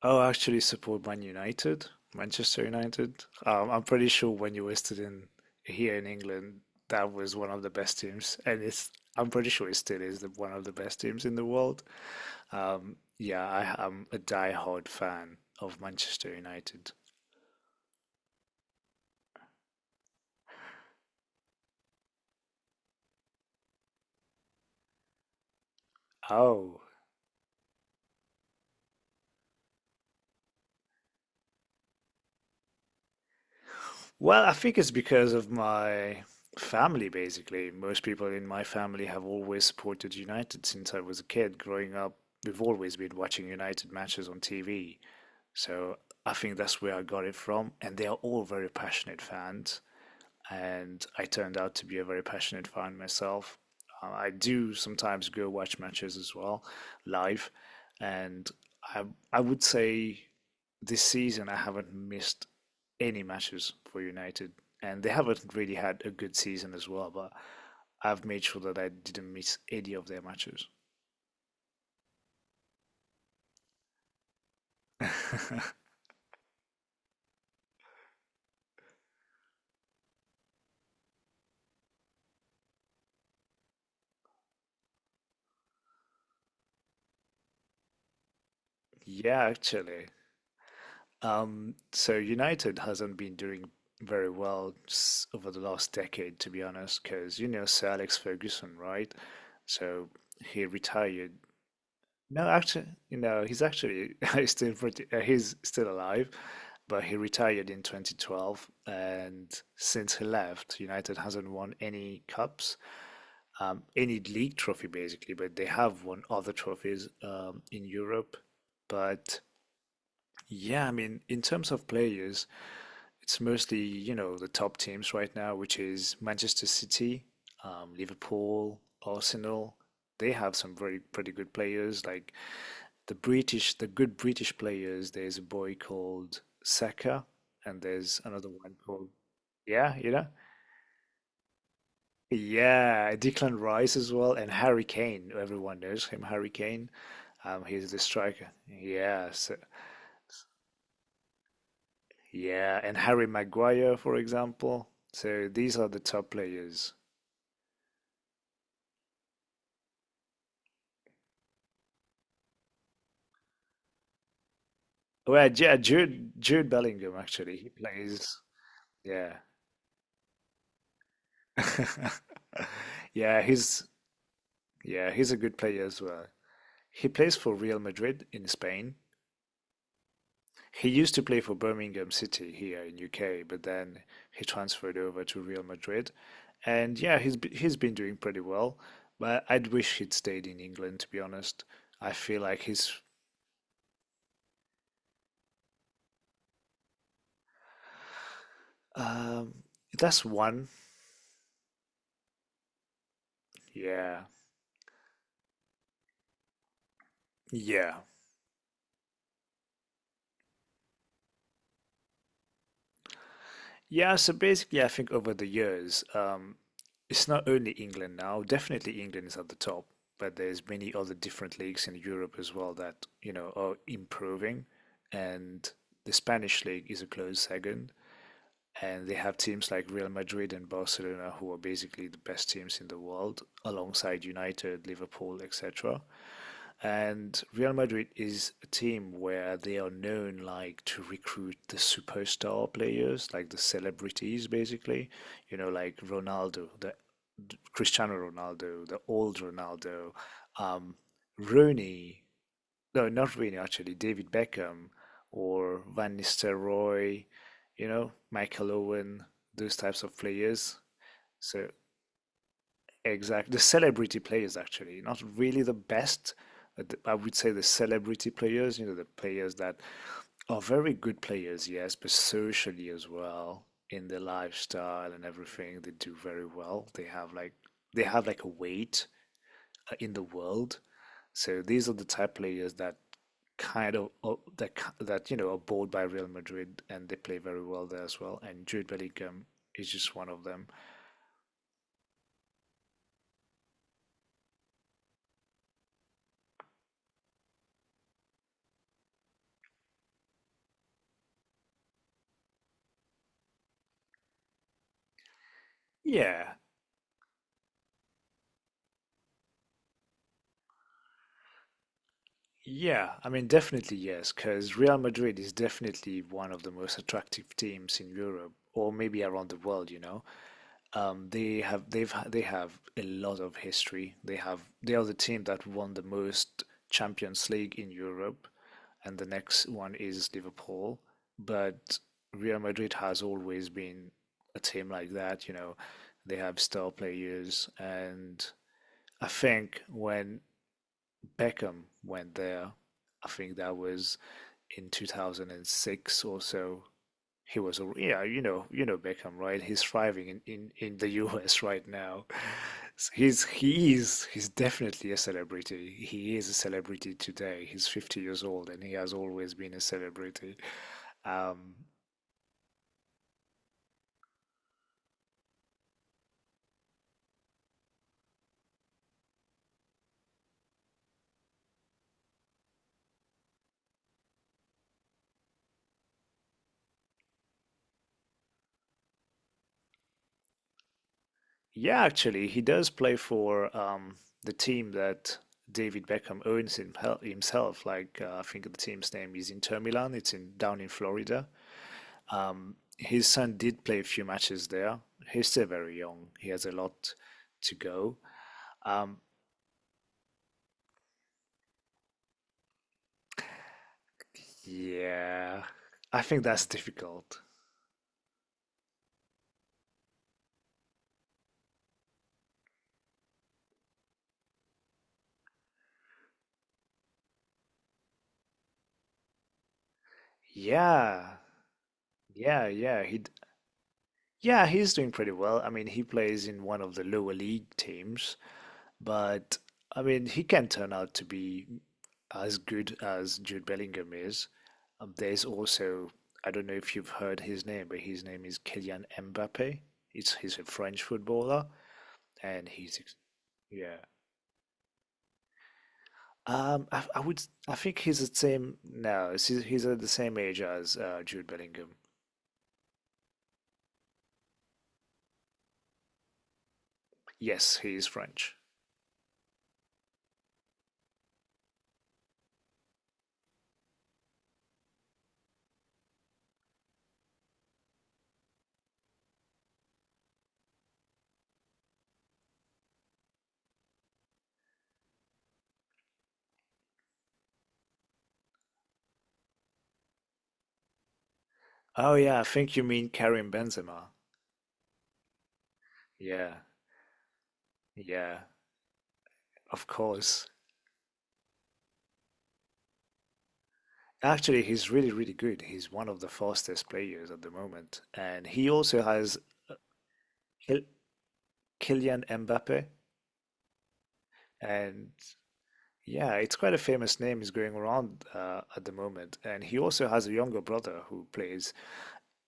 I'll actually support Man United, Manchester United. I'm pretty sure when you listed in here in England, that was one of the best teams, and it's, I'm pretty sure it still is one of the best teams in the world. Yeah, I am a diehard fan of Manchester United. Oh, well, I think it's because of my family, basically. Most people in my family have always supported United since I was a kid. Growing up, we've always been watching United matches on TV. So I think that's where I got it from. And they are all very passionate fans. And I turned out to be a very passionate fan myself. I do sometimes go watch matches as well, live. And I, I would say this season I haven't missed any matches for United. And they haven't really had a good season as well. But I've made sure that I didn't miss any of their matches. Yeah, actually, so United hasn't been doing very well over the last decade, to be honest, because you know Sir Alex Ferguson, right? So he retired. No, actually, you know, he's actually he's still pretty, he's still alive, but he retired in 2012, and since he left, United hasn't won any cups, any league trophy basically, but they have won other trophies in Europe. But yeah, I mean, in terms of players, it's mostly, you know, the top teams right now, which is Manchester City, Liverpool, Arsenal. They have some very pretty good players, like the good British players. There's a boy called Saka, and there's another one called, yeah, you know, yeah, Declan Rice as well, and Harry Kane. Everyone knows him, Harry Kane. He's the striker. Yeah, so, yeah, and Harry Maguire, for example. So these are the top players. Well, yeah, Jude Bellingham actually. He plays. Yeah. Yeah, he's yeah, he's a good player as well. He plays for Real Madrid in Spain. He used to play for Birmingham City here in UK, but then he transferred over to Real Madrid. And yeah, he's been doing pretty well, but I'd wish he'd stayed in England to be honest. I feel like he's um that's one. Yeah. Yeah. Yeah, so basically, I think over the years, it's not only England now. Definitely, England is at the top, but there's many other different leagues in Europe as well that, you know, are improving. And the Spanish league is a close second. And they have teams like Real Madrid and Barcelona, who are basically the best teams in the world, alongside United, Liverpool, etc. And Real Madrid is a team where they are known like to recruit the superstar players, like the celebrities basically, you know, like Ronaldo, the Cristiano Ronaldo, the old Ronaldo, um, Rooney, no, not Rooney actually, David Beckham or Van Nistelrooy, you know, Michael Owen, those types of players. So exactly. The celebrity players, actually, not really the best. But I would say the celebrity players, you know, the players that are very good players, yes, but socially as well, in their lifestyle and everything, they do very well. They have like a weight in the world. So these are the type players that kind of that you know are bought by Real Madrid and they play very well there as well. And Jude Bellingham is just one of them. Yeah, yeah, I mean, definitely yes, because Real Madrid is definitely one of the most attractive teams in Europe or maybe around the world, you know. They they have a lot of history. They are the team that won the most Champions League in Europe, and the next one is Liverpool. But Real Madrid has always been a team like that, you know. They have star players, and I think when Beckham went there. I think that was in 2006 or so. He was, yeah, you know Beckham, right? He's thriving in the US right now. So he's he's definitely a celebrity. He is a celebrity today. He's 50 years old and he has always been a celebrity. Um, Yeah, actually, he does play for the team that David Beckham owns himself. Like I think the team's name is Inter Milan. It's in down in Florida. His son did play a few matches there. He's still very young. He has a lot to go. Um, yeah, I think that's difficult. Yeah, yeah. He yeah, he's doing pretty well. I mean, he plays in one of the lower league teams, but I mean, he can turn out to be as good as Jude Bellingham is. There's also, I don't know if you've heard his name, but his name is Kylian Mbappe. It's he's a French footballer, and yeah. I would I think he's the same. No, he's at the same age as Jude Bellingham. Yes, he is French. Oh yeah, I think you mean Karim Benzema. Yeah, yeah. Of course. Actually, he's really, really good. He's one of the fastest players at the moment. And he also has Kyl- Kylian Mbappe. And yeah, it's quite a famous name is going around at the moment. And he also has a younger brother who plays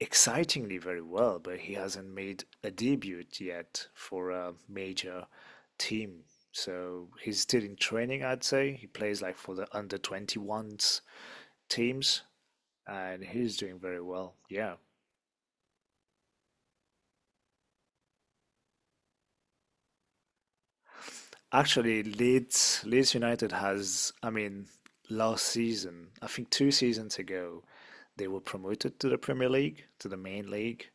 excitingly very well, but he hasn't made a debut yet for a major team. So he's still in training, I'd say. He plays like for the under 21s teams, and he's doing very well. Yeah. Actually, Leeds United has, I mean, last season, I think two seasons ago, they were promoted to the Premier League, to the main league,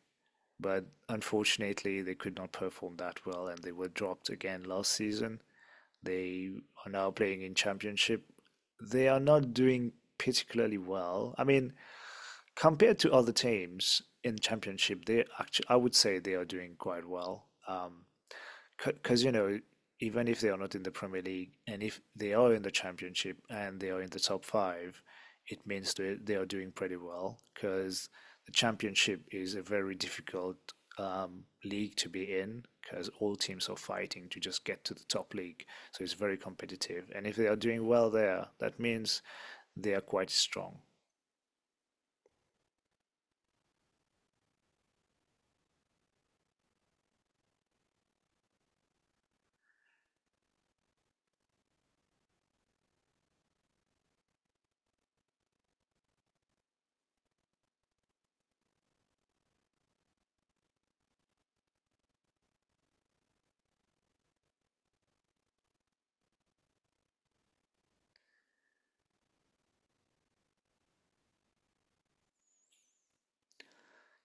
but unfortunately, they could not perform that well and they were dropped again last season. They are now playing in Championship. They are not doing particularly well. I mean, compared to other teams in Championship, they actually, I would say they are doing quite well. Because you know even if they are not in the Premier League and if they are in the Championship and they are in the top five, it means they are doing pretty well because the Championship is a very difficult league to be in because all teams are fighting to just get to the top league, so it's very competitive. And if they are doing well there, that means they are quite strong.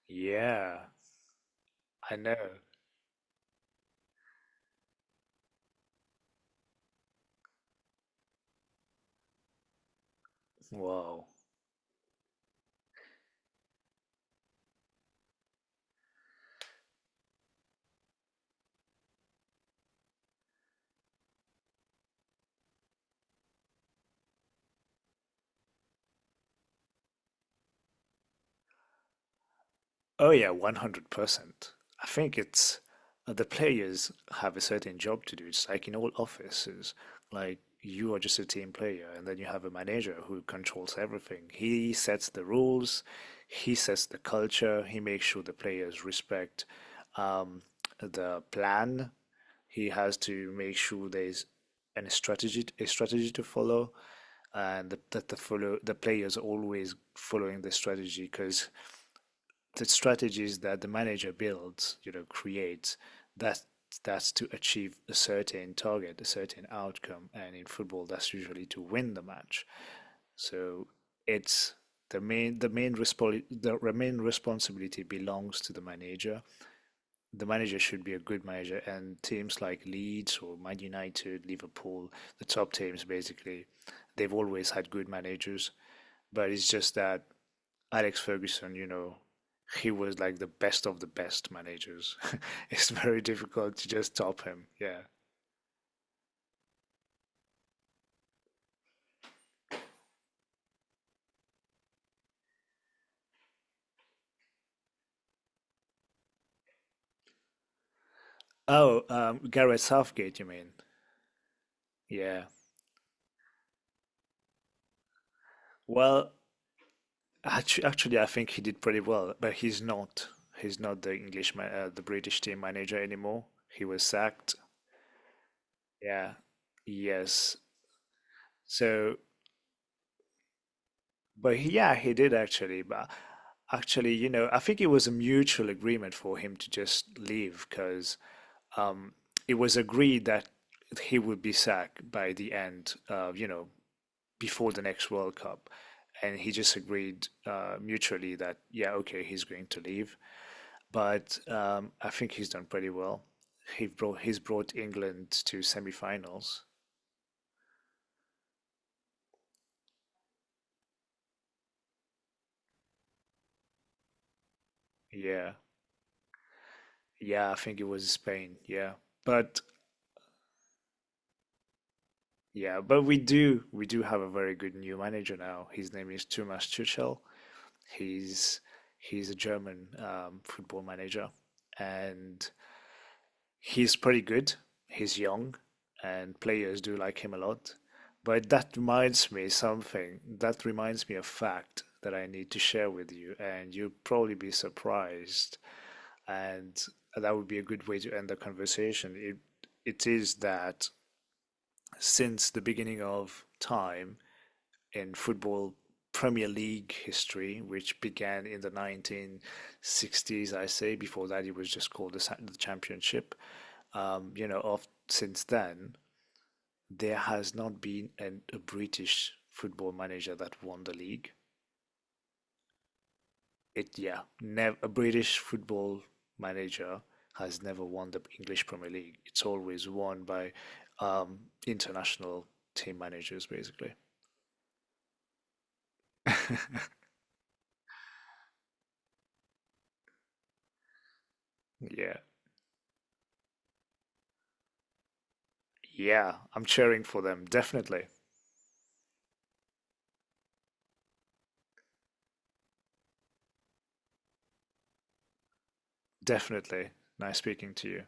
Yeah, I know. Wow. Oh yeah, 100%. I think it's the players have a certain job to do. It's like in all offices, like you are just a team player, and then you have a manager who controls everything. He sets the rules, he sets the culture, he makes sure the players respect um, the plan. He has to make sure there's an strategy a strategy to follow, and that the players always following the strategy because the strategies that the manager builds, you know, creates, that that's to achieve a certain target, a certain outcome, and in football, that's usually to win the match. So it's the main responsibility belongs to the manager. The manager should be a good manager, and teams like Leeds or Man United, Liverpool, the top teams basically, they've always had good managers. But it's just that Alex Ferguson, you know, he was like the best of the best managers. It's very difficult to just top him. Yeah. Oh, Gareth Southgate, you mean? Yeah. Well, actually, I think he did pretty well, but he's not. He's not the the British team manager anymore. He was sacked. Yeah. Yes. So, yeah, he did actually. But actually, you know, I think it was a mutual agreement for him to just leave because um, it was agreed that he would be sacked by the end, you know, before the next World Cup. And he just agreed mutually that, yeah, okay, he's going to leave. But I think he's done pretty well. He's brought England to semifinals. Yeah, yeah, I think it was Spain. Yeah, but yeah, but we do have a very good new manager now. His name is Thomas Tuchel. He's he's a German football manager, and he's pretty good. He's young, and players do like him a lot. But that reminds me something. That reminds me of a fact that I need to share with you, and you'll probably be surprised. And that would be a good way to end the conversation. It is that since the beginning of time, in football Premier League history, which began in the 1960s, I say. Before that, it was just called the Championship. You know, of, since then, there has not been a British football manager that won the league. It, yeah, a British football manager has never won the English Premier League. It's always won by um, international team managers, basically. Yeah, yeah, I'm cheering for them, definitely. Definitely. Nice speaking to you.